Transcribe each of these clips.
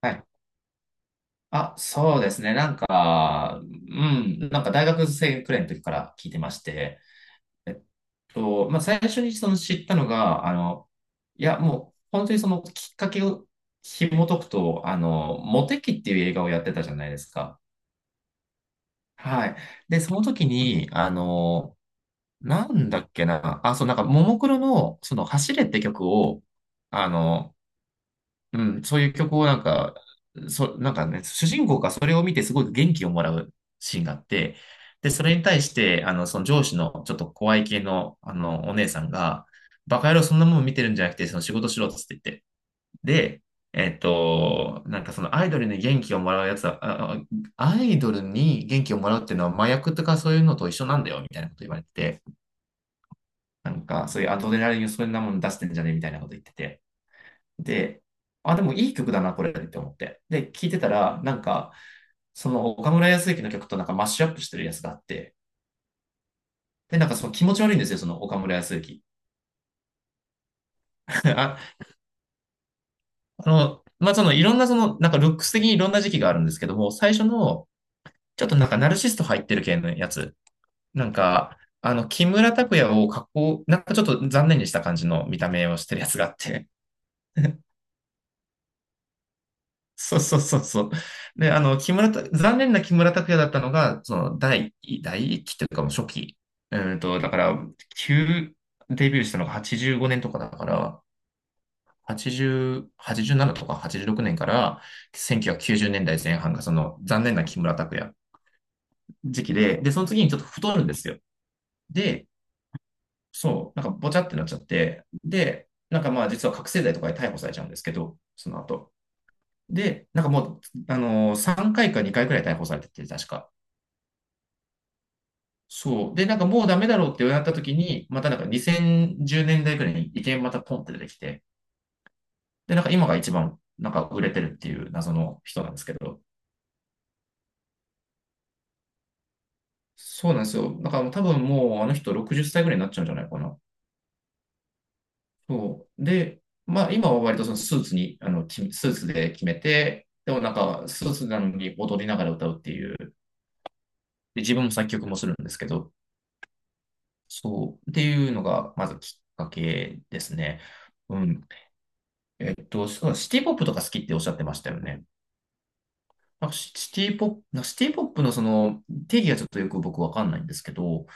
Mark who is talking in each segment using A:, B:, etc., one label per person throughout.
A: はい。あ、そうですね。なんか、うん、なんか大学生くらいの時から聞いてまして、えっまあ、最初にその知ったのが、いや、もう、本当にそのきっかけを紐解くと、モテキっていう映画をやってたじゃないですか。はい。で、その時に、なんだっけな、あ、そう、なんか、ももクロの、走れって曲を、あの、うん、そういう曲をなんか、なんかね、主人公がそれを見てすごく元気をもらうシーンがあって、で、それに対して、その上司のちょっと怖い系の、お姉さんが、バカ野郎そんなもん見てるんじゃなくて、その仕事しろっつって言って。で、なんかそのアイドルに元気をもらうやつは、アイドルに元気をもらうっていうのは麻薬とかそういうのと一緒なんだよ、みたいなこと言われてて、なんかそういうアドレナリンをそんなもん出してんじゃねえみたいなこと言ってて。で、あ、でもいい曲だな、これって思って。で、聴いてたら、なんか、その岡村康之の曲となんかマッシュアップしてるやつがあって、で、なんかその気持ち悪いんですよ、その岡村康之。あ、まあ、そのいろんなその、なんかルックス的にいろんな時期があるんですけども、最初の、ちょっとなんかナルシスト入ってる系のやつ、なんか、木村拓哉を加工、なんかちょっと残念にした感じの見た目をしてるやつがあって、そうそうそうそう。で、木村拓、残念な木村拓哉だったのが、第一期というか、もう初期。だから、旧、デビューしたのが85年とかだから、80、87とか86年から1990年代前半がその残念な木村拓哉時期で、で、その次にちょっと太るんですよ。で、そう、なんかぼちゃってなっちゃって、で、なんかまあ実は覚醒剤とかで逮捕されちゃうんですけど、その後。で、なんかもう、3回か2回くらい逮捕されてて、確か。そう。で、なんかもうダメだろうってなった時に、またなんか2010年代くらいに意見またポンって出てきて、で、なんか今が一番なんか売れてるっていう謎の人なんですけど、そうなんですよ。だからもう多分もうあの人60歳くらいになっちゃうんじゃないかな。そう。で、まあ今は割とそのスーツに、スーツで決めて、でもなんかスーツなのに踊りながら歌うっていう、で、自分も作曲もするんですけど、そう、っていうのが、まずきっかけですね。うん。そう、シティポップとか好きっておっしゃってましたよね。なんかシシティポップ、なんかシティポップのその定義がちょっとよく僕わかんないんですけど、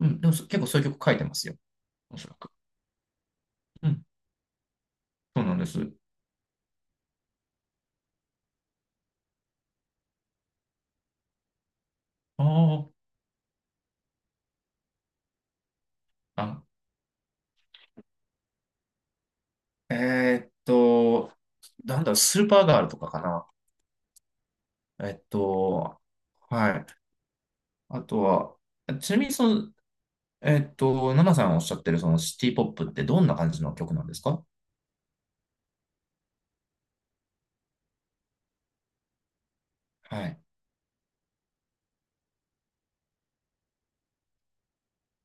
A: うん、でも結構そういう曲書いてますよ。おそらく。うん、そうなんです。ああ、あ、えーっと、なんだろう、スーパーガールとかかな。えっと、はい。あとは、ちなみにその、ナナさんおっしゃってるそのシティポップってどんな感じの曲なんですか？はい。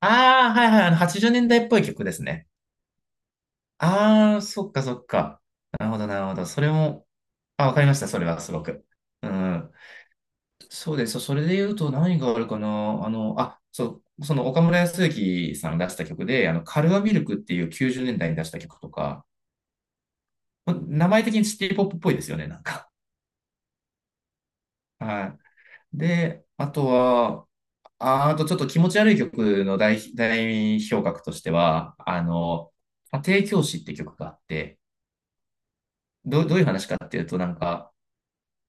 A: ああ、はいはい、80年代っぽい曲ですね。ああ、そっかそっか。なるほど、なるほど。それも、あ、わかりました、それはすごく。うん。そうです。それで言うと何があるかな。あ、そう、その岡村康之さんが出した曲で、カルアミルクっていう90年代に出した曲とか、名前的にシティポップっぽいですよね、なんか。はい。で、あとは、あ、あとちょっと気持ち悪い曲の代表格としては、家庭教師って曲があって、どういう話かっていうと、なんか、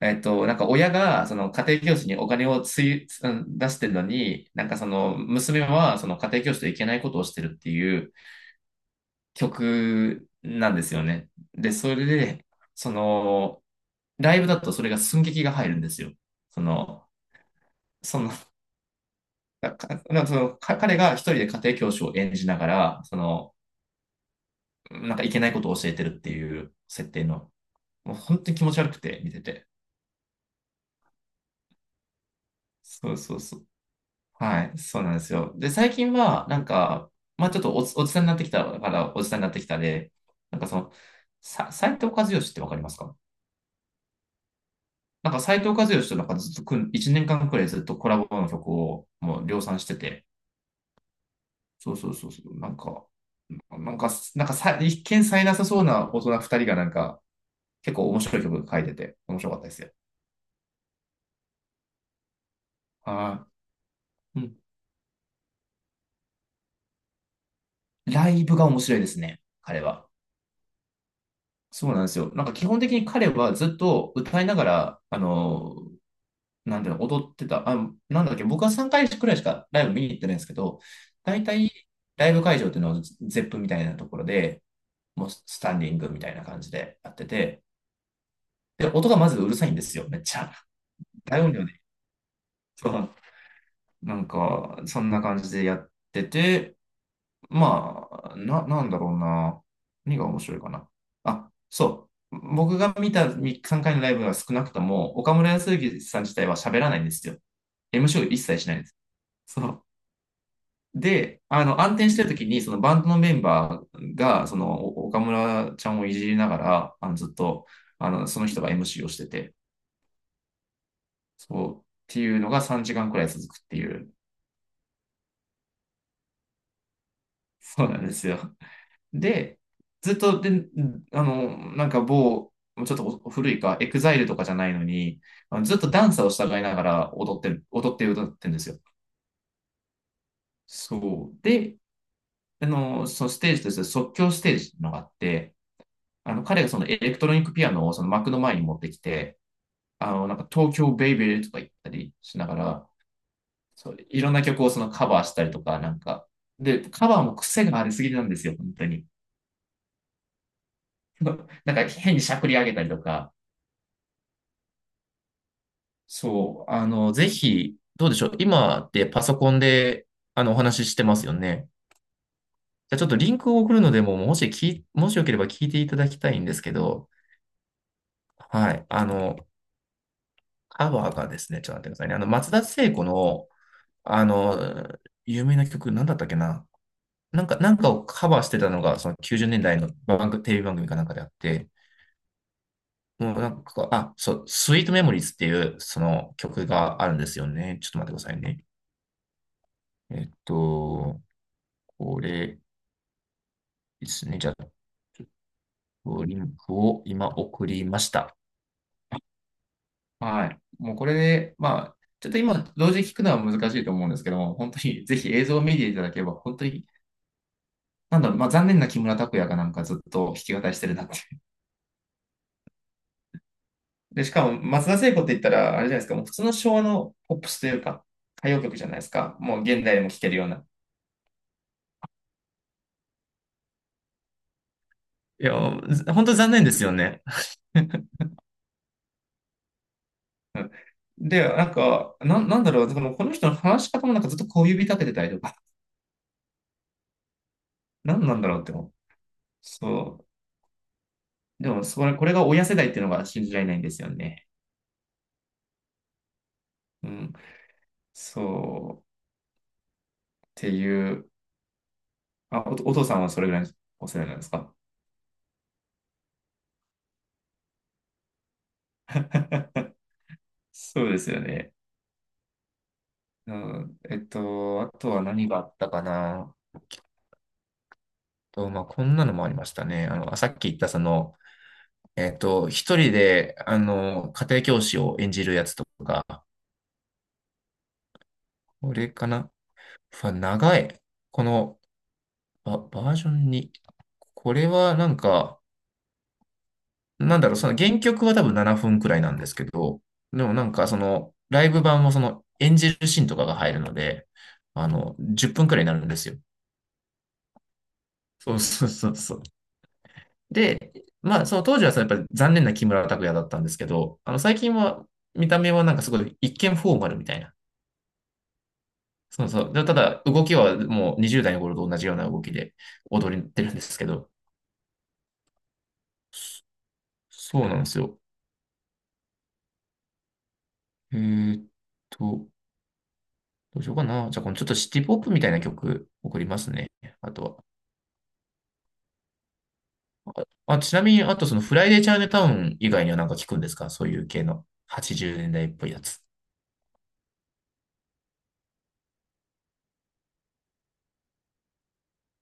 A: なんか親が、その家庭教師にお金をつい、つうん出してるのに、なんかその娘は、その家庭教師といけないことをしてるっていう曲なんですよね。で、それで、その、ライブだとそれが寸劇が入るんですよ。その、その、なんか彼が一人で家庭教師を演じながら、なんかいけないことを教えてるっていう設定の、もう本当に気持ち悪くて、見てて。そうそうそう。はい、そうなんですよ。で、最近は、なんか、まあちょっとおじさんになってきたから、おじさんになってきたで、なんかその、斉藤和義ってわかりますか？なんか斉藤和義となんかずっと1年間くらいずっとコラボの曲をもう量産してて、そうそうそうそう、なんか、さ、一見さえなさそうな大人2人がなんか、結構面白い曲書いてて、面白かったですよ。はい。うん。ライブが面白いですね、彼は。そうなんですよ。なんか基本的に彼はずっと歌いながら、なんていうの、踊ってた。あ、なんだっけ、僕は3回くらいしかライブ見に行ってないんですけど、大体ライブ会場っていうのはゼップみたいなところで、もうスタンディングみたいな感じでやってて、で、音がまずうるさいんですよ、めっちゃ。大音量で。そう、なんか、そんな感じでやってて、まあ、なんだろうな。何が面白いかな。あ、そう。僕が見た3回のライブは少なくとも、岡村康之さん自体は喋らないんですよ。MC を一切しないんです。そう。で、暗転してる時に、そのバンドのメンバーが、お岡村ちゃんをいじりながら、ずっと、その人が MC をしてて、そう、っていうのが3時間くらい続くっていう。そうなんですよ。で、ずっと、で、あの、なんか某、ちょっと古いか、エグザイルとかじゃないのに、ずっとダンサーを従いながら踊って歌ってるんですよ。そう。で、そのステージとして即興ステージっていうのがあって、彼がそのエレクトロニックピアノをその幕の前に持ってきて、なんか東京ベイベーとか言ったりしながら、そう、いろんな曲をカバーしたりとか、なんか、で、カバーも癖がありすぎなんですよ、本当に。なんか変にしゃくり上げたりとか、そう、ぜひ、どうでしょう。今ってパソコンで、お話ししてますよね。じゃあちょっとリンクを送るのでも、もしき、もしよければ聞いていただきたいんですけど、はい。カバーがですね、ちょっと待ってくださいね。松田聖子の、あの、有名な曲、なんだったっけな。なんか、なんかをカバーしてたのが、その90年代の番組、テレビ番組かなんかであって、もうなんか、あ、そう、スイートメモリーズっていう、その曲があるんですよね。ちょっと待ってくださいね。えっと、これ、ですね。じゃあ、ちょっとリンクを今送りました。はい。もうこれで、まあ、ちょっと今、同時に聞くのは難しいと思うんですけども、本当に ぜひ映像を見ていただければ、本当に、なんだろう、まあ残念な木村拓哉がなんかずっと弾き語りしてるなっていう。で、しかも松田聖子って言ったら、あれじゃないですか、もう普通の昭和のポップスというか、歌謡曲じゃないですか。もう現代でも聴けるような。いや、本当残念ですよね。で、なんか、なんだろう、でもこの人の話し方もなんかずっと小指立ててたりとか、なんなんだろうって思う。そう。でも、それ、これが親世代っていうのが信じられないんですよね。うん。そう。っていう。あ、お父さんはそれぐらいのお世代なんですか？ そうですよね。うん。あとは何があったかな。と、まあ、こんなのもありましたね。さっき言ったその、一人で、家庭教師を演じるやつとか、これかな。うわ長い。このバージョン2。これはなんか、なんだろう、その原曲は多分7分くらいなんですけど、でもなんかその、ライブ版もその演じるシーンとかが入るので、あの、10分くらいになるんですよ。そうそうそうそう。で、まあ、その当時はそのやっぱり残念な木村拓哉だったんですけど、あの、最近は見た目はなんかすごい一見フォーマルみたいな。そうそう。で、ただ動きはもう20代の頃と同じような動きで踊りってるんですけど、そうなんですよ。えーっと、どうしようかな。じゃあ、このちょっとシティポップみたいな曲送りますね。あとは。あ、ちなみに、あとそのフライデーチャイナタウン以外にはなんか聞くんですかそういう系の80年代っぽいやつ。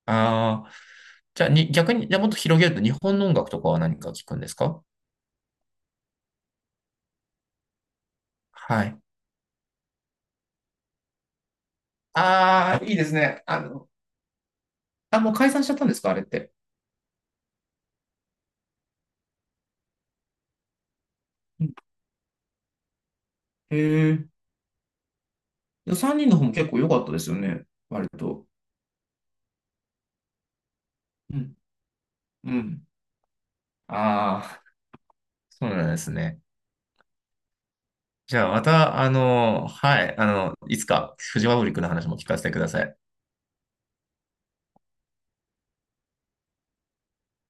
A: ああ、じゃあに、逆に、じゃあもっと広げると日本の音楽とかは何か聞くんですか？はい。ああ、いいですね。あの、あ、もう解散しちゃったんですかあれって。うんへえ。3人の方も結構良かったですよね。割と。うん。うん。ああ、そうなんですね。じゃあまた、あの、はい、あの、いつかフジファブリックの話も聞かせてください。